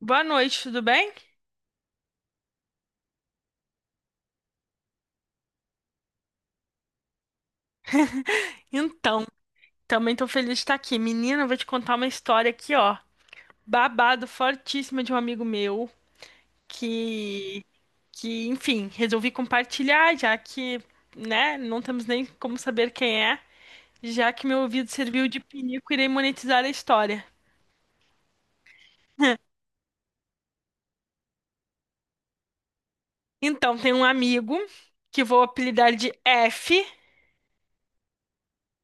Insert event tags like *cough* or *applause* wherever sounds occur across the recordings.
Boa noite, tudo bem? Então, também tô feliz de estar aqui. Menina, eu vou te contar uma história aqui, ó. Babado fortíssima de um amigo meu que, enfim, resolvi compartilhar, já que, né, não temos nem como saber quem é, já que meu ouvido serviu de pinico, irei monetizar a história. Então, tem um amigo que vou apelidar de F,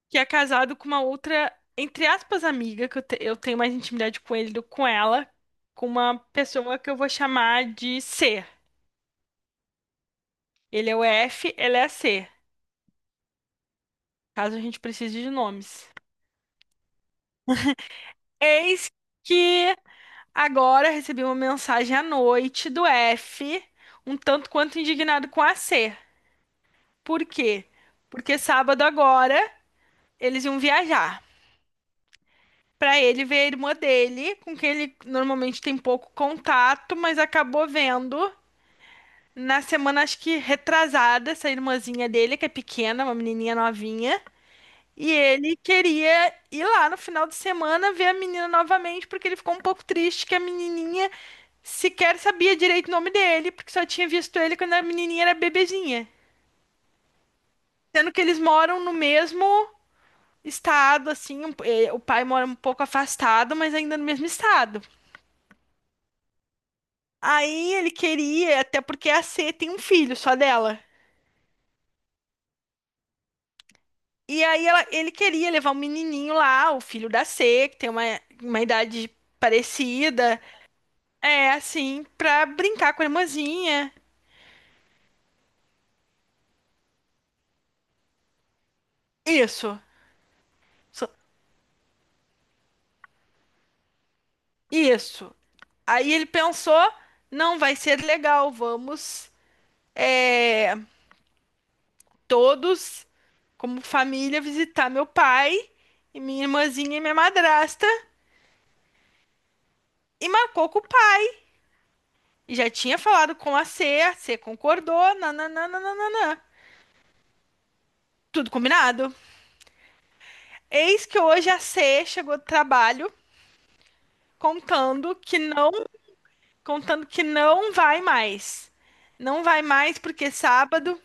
que é casado com uma outra, entre aspas, amiga, que eu tenho mais intimidade com ele do que com ela, com uma pessoa que eu vou chamar de C. Ele é o F, ela é a C, caso a gente precise de nomes. Eis que agora recebi uma mensagem à noite do F, um tanto quanto indignado com a C. Por quê? Porque sábado agora eles iam viajar. Pra ele ver a irmã dele, com quem ele normalmente tem pouco contato, mas acabou vendo. Na semana, acho que retrasada, essa irmãzinha dele, que é pequena, uma menininha novinha, e ele queria ir lá no final de semana ver a menina novamente, porque ele ficou um pouco triste que a menininha sequer sabia direito o nome dele, porque só tinha visto ele quando a menininha era bebezinha. Sendo que eles moram no mesmo estado, assim, o pai mora um pouco afastado, mas ainda no mesmo estado. Aí ele queria, até porque a C tem um filho só dela. E ele queria levar o menininho lá, o filho da C, que tem uma idade parecida, é assim, pra brincar com a irmãzinha. Isso, so- isso. Aí ele pensou, não vai ser legal, vamos é, todos, como família, visitar meu pai e minha irmãzinha e minha madrasta. E marcou com o pai. Já tinha falado com a C concordou, nananana, tudo combinado. Eis que hoje a C chegou do trabalho contando que não, contando que não vai mais. Não vai mais porque sábado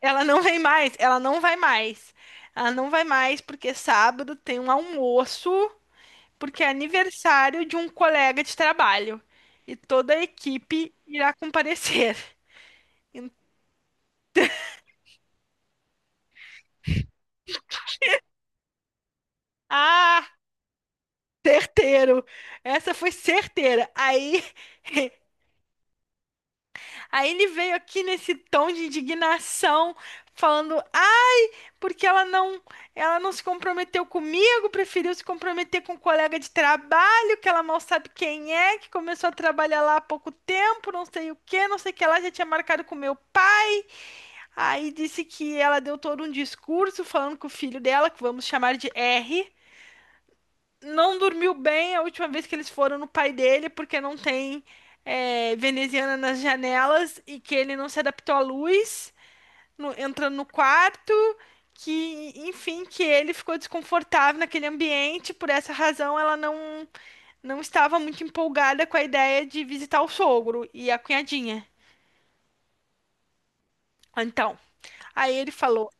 ela não vem mais, ela não vai mais. Ela não vai mais porque sábado tem um almoço, porque é aniversário de um colega de trabalho e toda a equipe irá comparecer. Então, ah, certeiro. Essa foi certeira. Aí, *laughs* aí ele veio aqui nesse tom de indignação, falando: porque ela não se comprometeu comigo, preferiu se comprometer com um colega de trabalho, que ela mal sabe quem é, que começou a trabalhar lá há pouco tempo, não sei o que, não sei o que lá, já tinha marcado com meu pai. Aí disse que ela deu todo um discurso falando que o filho dela, que vamos chamar de R, não dormiu bem a última vez que eles foram no pai dele, porque não tem veneziana nas janelas e que ele não se adaptou à luz entra no quarto, que, enfim, que ele ficou desconfortável naquele ambiente, por essa razão ela não estava muito empolgada com a ideia de visitar o sogro e a cunhadinha. Então, aí ele falou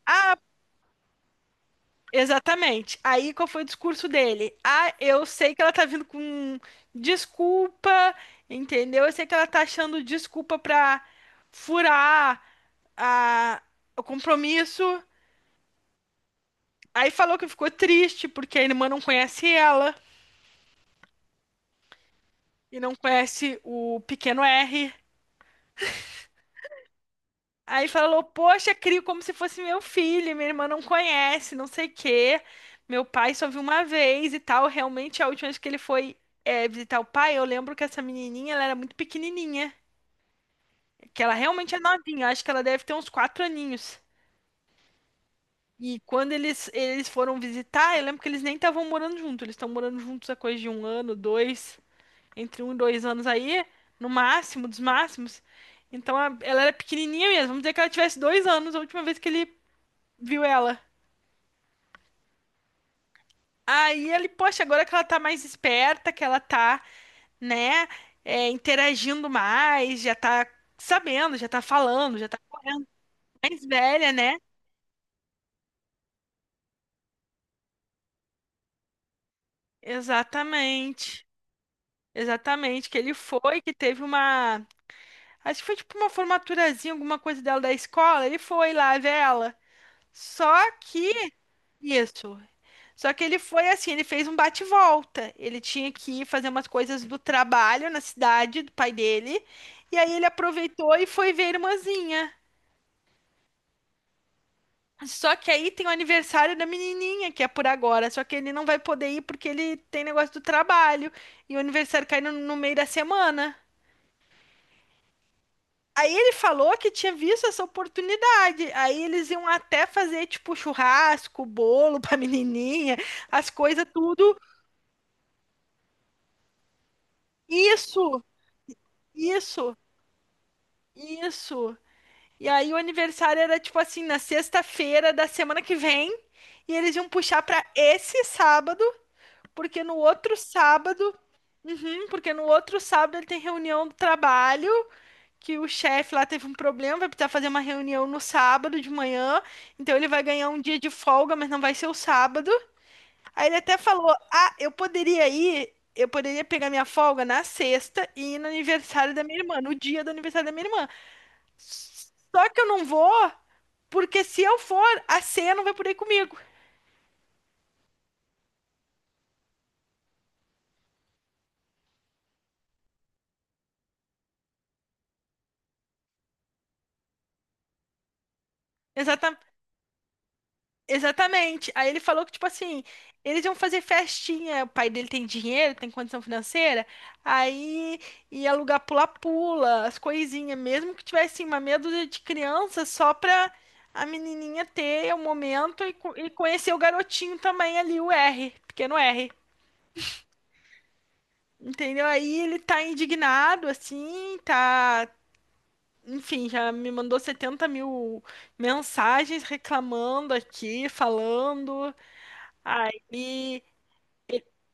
exatamente. Aí qual foi o discurso dele? Ah, eu sei que ela tá vindo com desculpa, entendeu? Eu sei que ela tá achando desculpa pra furar a, o compromisso. Aí falou que ficou triste porque a irmã não conhece ela e não conhece o pequeno R. Aí falou: poxa, crio como se fosse meu filho, minha irmã não conhece, não sei o quê. Meu pai só viu uma vez e tal. Realmente, a última vez que ele foi visitar o pai, eu lembro que essa menininha ela era muito pequenininha, que ela realmente é novinha, acho que ela deve ter uns 4 aninhos. E quando eles foram visitar, eu lembro que eles nem estavam morando juntos, eles estão morando juntos há coisa de um ano, dois, entre um e dois anos aí, no máximo dos máximos. Então ela era pequenininha mesmo. Vamos dizer que ela tivesse 2 anos a última vez que ele viu ela. Aí ele, poxa, agora que ela tá mais esperta, que né, interagindo mais, já tá sabendo, já tá falando, já tá correndo mais velha, né? Exatamente. Exatamente, que ele foi, que teve uma. Acho que foi tipo uma formaturazinha, alguma coisa dela da escola. Ele foi lá ver ela. Só que isso. Só que ele foi assim, ele fez um bate-volta. Ele tinha que ir fazer umas coisas do trabalho na cidade do pai dele. E aí ele aproveitou e foi ver a irmãzinha. Só que aí tem o aniversário da menininha, que é por agora. Só que ele não vai poder ir porque ele tem negócio do trabalho. E o aniversário cai no meio da semana. Aí ele falou que tinha visto essa oportunidade. Aí eles iam até fazer, tipo, churrasco, bolo pra *laughs* menininha, as coisas, tudo. Isso, isso. Isso. E aí o aniversário era tipo assim, na sexta-feira da semana que vem, e eles iam puxar pra esse sábado, porque no outro sábado, uhum, porque no outro sábado ele tem reunião do trabalho, que o chefe lá teve um problema, vai precisar fazer uma reunião no sábado de manhã, então ele vai ganhar um dia de folga, mas não vai ser o sábado. Aí ele até falou: "Ah, eu poderia ir, eu poderia pegar minha folga na sexta e ir no aniversário da minha irmã, no dia do aniversário da minha irmã. Só que eu não vou, porque se eu for, a ceia não vai poder ir comigo." Exata- Exatamente. Aí ele falou que, tipo assim, eles iam fazer festinha. O pai dele tem dinheiro, tem condição financeira. Aí ia alugar pula-pula, as coisinhas. Mesmo que tivesse assim, uma meia dúzia de crianças, só pra a menininha ter o momento e conhecer o garotinho também ali, o R, pequeno R. Entendeu? Aí ele tá indignado, assim, tá, enfim, já me mandou 70 mil mensagens reclamando aqui, falando. Aí,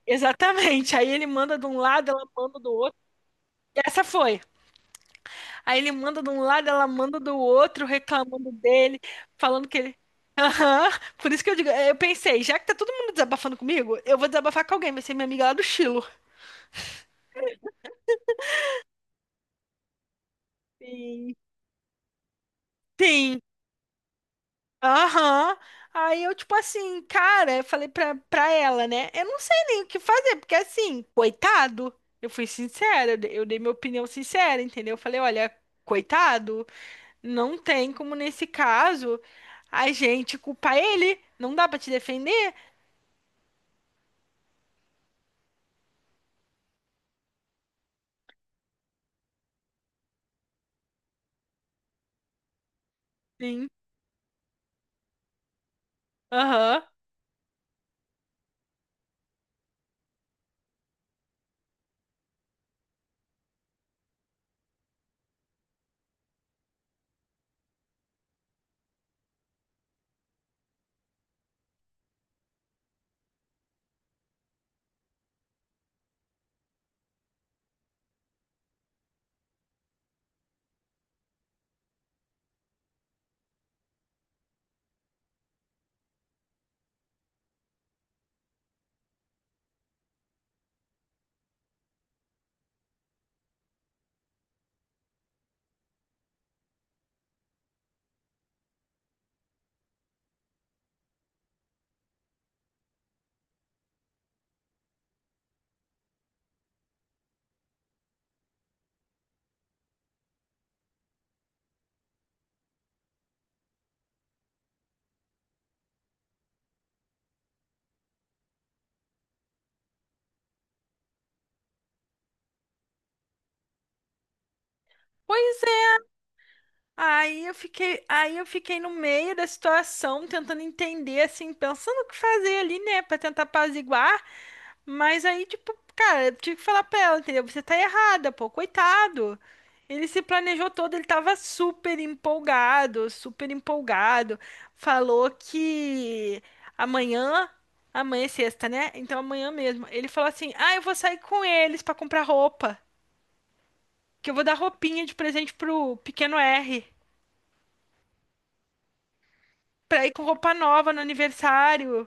exatamente. Aí ele manda de um lado, ela manda do outro. E essa foi. Aí ele manda de um lado, ela manda do outro, reclamando dele, falando que ele. *laughs* Aham. Por isso que eu digo, eu pensei, já que tá todo mundo desabafando comigo, eu vou desabafar com alguém, vai ser minha amiga lá do Chilo. Sim. Sim, aham. Aí eu, tipo assim, cara, eu falei pra ela, né? Eu não sei nem o que fazer, porque assim, coitado, eu fui sincera, eu dei minha opinião sincera, entendeu? Eu falei, olha, coitado, não tem como nesse caso a gente culpar ele, não dá pra te defender. Sim. Aham. Pois é. Aí eu fiquei no meio da situação, tentando entender, assim, pensando o que fazer ali, né, pra tentar apaziguar. Mas aí, tipo, cara, eu tive que falar pra ela, entendeu? Você tá errada, pô, coitado. Ele se planejou todo, ele tava super empolgado. Falou que amanhã, amanhã é sexta, né? Então amanhã mesmo. Ele falou assim: "Ah, eu vou sair com eles pra comprar roupa, que eu vou dar roupinha de presente pro pequeno R, pra ir com roupa nova no aniversário".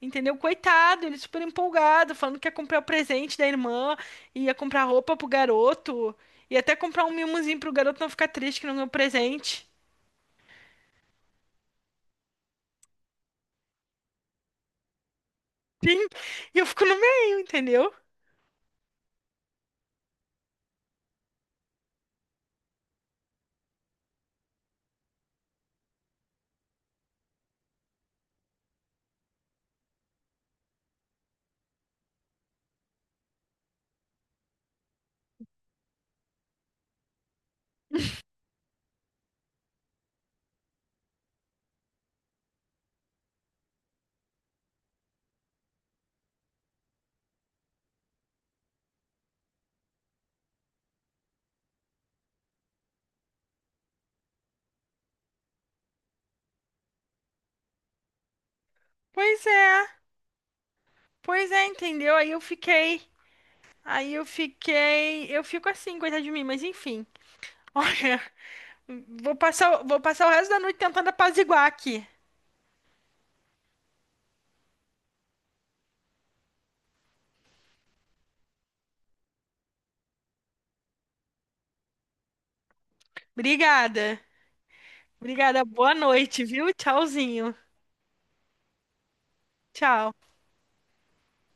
Entendeu? Coitado, ele super empolgado, falando que ia comprar o presente da irmã, ia comprar roupa pro garoto, ia até comprar um mimozinho pro garoto não ficar triste que não ganhou presente. Sim, e eu fico no meio, entendeu? Pois é, pois é, entendeu? Aí eu fiquei, eu fico assim, coitado de mim, mas enfim. *laughs* Olha, vou passar o resto da noite tentando apaziguar aqui. Obrigada, obrigada, boa noite, viu? Tchauzinho, tchau.